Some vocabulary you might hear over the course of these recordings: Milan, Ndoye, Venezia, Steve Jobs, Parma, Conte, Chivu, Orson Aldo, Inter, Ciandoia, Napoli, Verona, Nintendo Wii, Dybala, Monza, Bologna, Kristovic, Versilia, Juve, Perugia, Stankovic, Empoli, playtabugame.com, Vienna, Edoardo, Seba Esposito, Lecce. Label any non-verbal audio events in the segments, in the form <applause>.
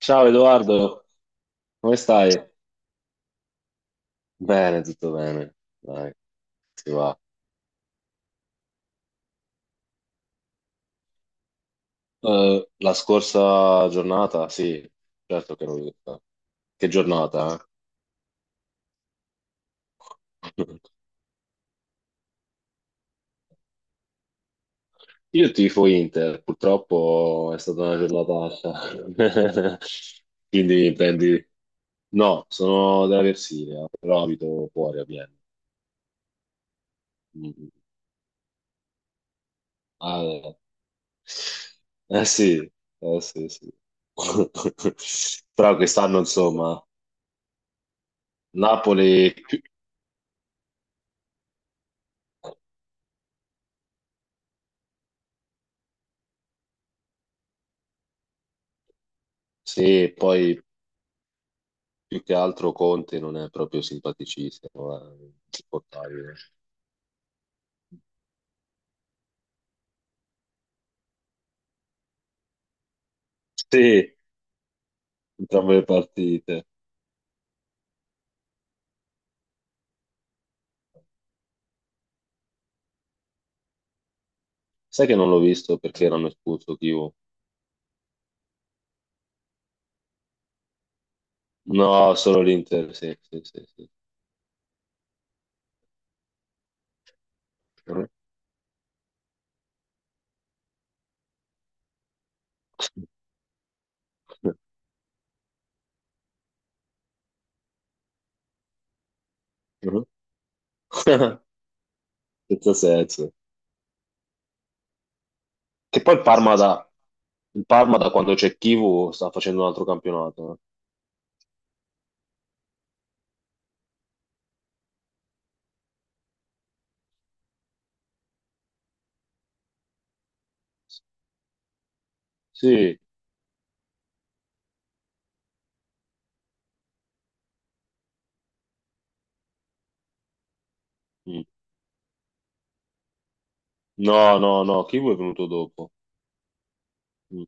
Ciao Edoardo, come stai? Bene, tutto bene. Dai, si va. La scorsa giornata, sì, certo che l'ho vista. Che giornata, eh? <laughs> Io tifo Inter, purtroppo è stata una giornataccia. <laughs> Quindi prendi. No, sono della Versilia, però abito fuori a Vienna. Mm. Ah, eh. Eh sì, eh sì, sì. <laughs> Però quest'anno, insomma, Napoli. Sì, poi più che altro Conte non è proprio simpaticissimo, è insopportabile. Sì, entrambe le partite. Sai che non l'ho visto perché erano espulso Chivu. No, solo l'Inter, sì, sì, sì, sì. Mhm. <laughs> Senza senso. Che poi il Parma da quando c'è Chivu sta facendo un altro campionato, eh. Sì. Mm. No, no, no, Chivu è venuto dopo. Mm.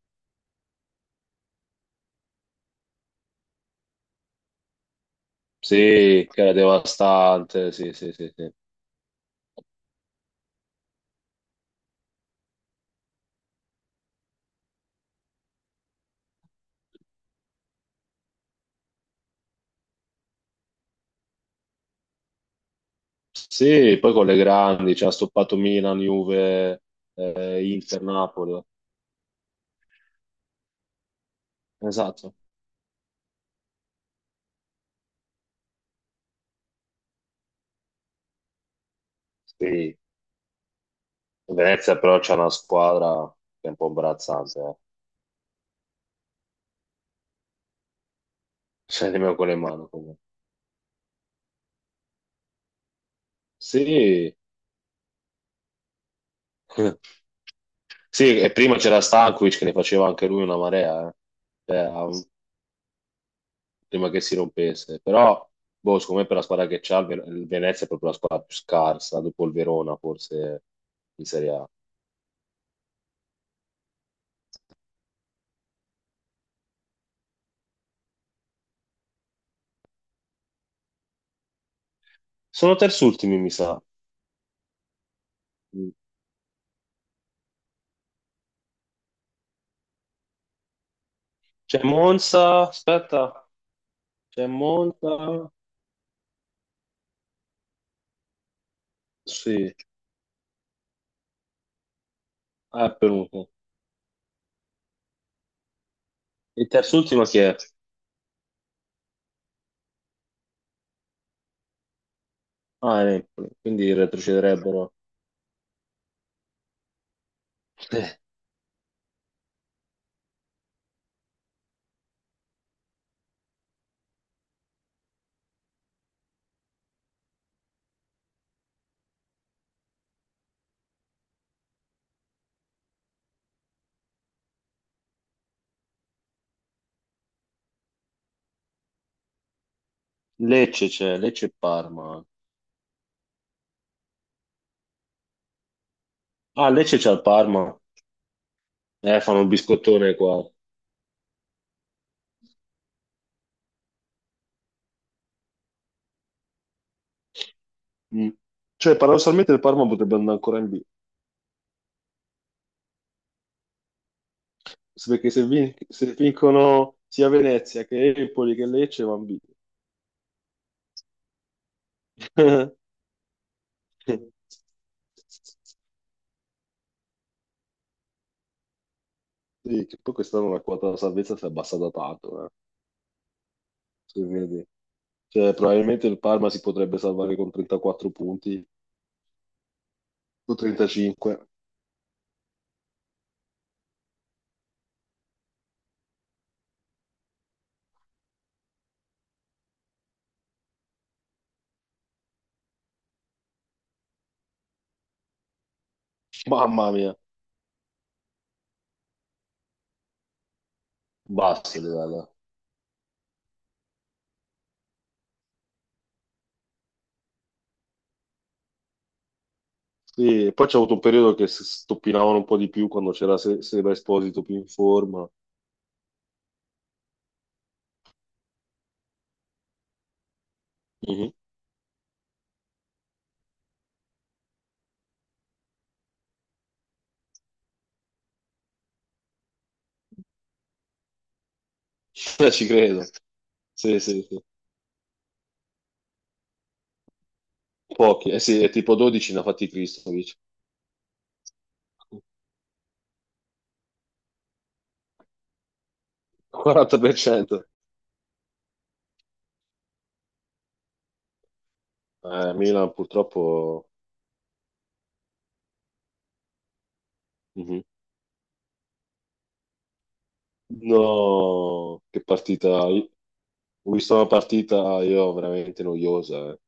Sì, che era devastante, sì, sì, sì, sì. Sì, poi con le grandi, cioè ha stoppato Milan, Juve, Inter, Napoli. Esatto. Sì, Venezia però c'è una squadra che è un po' imbarazzante, eh. Cioè, nemmeno con le mani, comunque. Sì. <laughs> Sì, e prima c'era Stankovic che ne faceva anche lui una marea, eh. Cioè, prima che si rompesse. Però, boh, secondo me per la squadra che c'ha, il Venezia è proprio la squadra più scarsa, dopo il Verona forse in Serie A. Sono terzultimi, mi sa. C'è Monza, aspetta, c'è Monza, sì, ah, è Perugia. Il terz'ultimo chi è? Ah, è Empoli, quindi retrocederebbero. <laughs> Lecce c'è, Lecce e Parma. Ah, Lecce c'è il Parma. Fanno il biscottone qua. Mm. Cioè, paradossalmente il Parma potrebbe andare ancora in B. Perché se vincono sia Venezia che Empoli che Lecce, va in B. <laughs> Sì, che poi quest'anno la quota della salvezza si è abbassata tanto, se vedi. Cioè, probabilmente il Parma si potrebbe salvare con 34 punti o 35. Mamma mia, basta. Dybala. Sì, e poi c'è avuto un periodo che stoppinavano un po' di più quando c'era Seba Esposito più in forma. Mhm. <laughs> Ci credo. Sì, sì, sì. Pochi. Eh sì, è tipo 12 ne ha fatti Kristovic. 40%. Milan purtroppo. Mhm. No, che partita. Ho visto una partita io veramente noiosa, eh.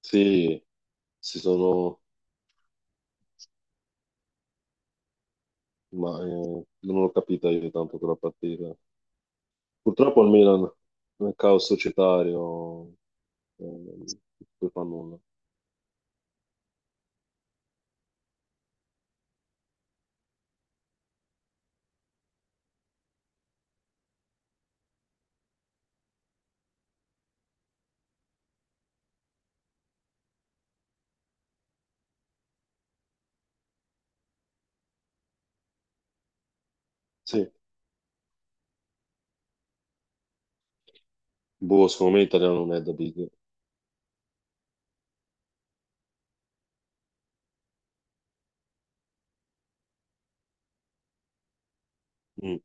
Sì, si sono ma non l'ho capita io tanto quella partita. Purtroppo il Milan, nel caos societario, non si fa nulla. Sì, boh, secondo me l'italiano non è da big. Mm.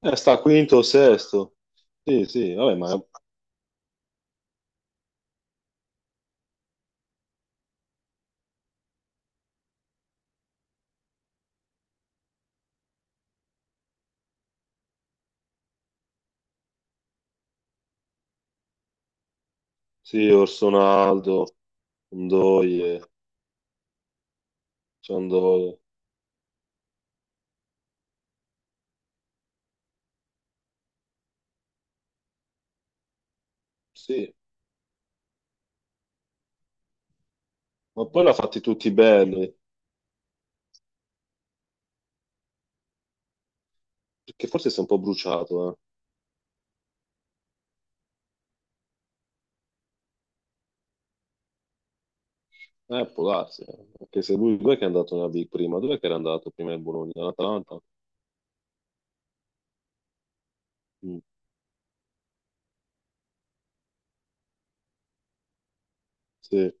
Sta quinto o sesto. Sì, sì, vabbè, ma sì, Orson Aldo, Ndoye, Ciandoia. Sì, ma poi l'ha fatti tutti belli, perché forse si è un po' bruciato, eh. Può darsi, eh. Perché se lui, dov'è che è andato nella big prima? Dov'è che era andato prima il Bologna? All'Atalanta? Mm. Sì.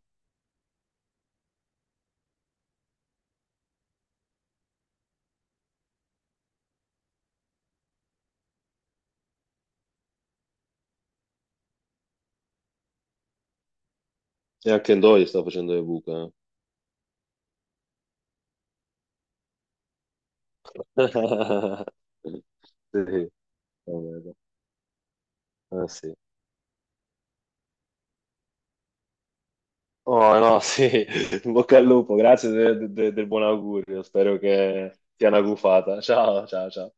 E anche Ndoye sta facendo le buche, eh. <laughs> Sì, lo vedo. Sì. Oh, no, sì. <laughs> In bocca al lupo, grazie del buon augurio. Spero che sia una gufata. Ciao, ciao, ciao.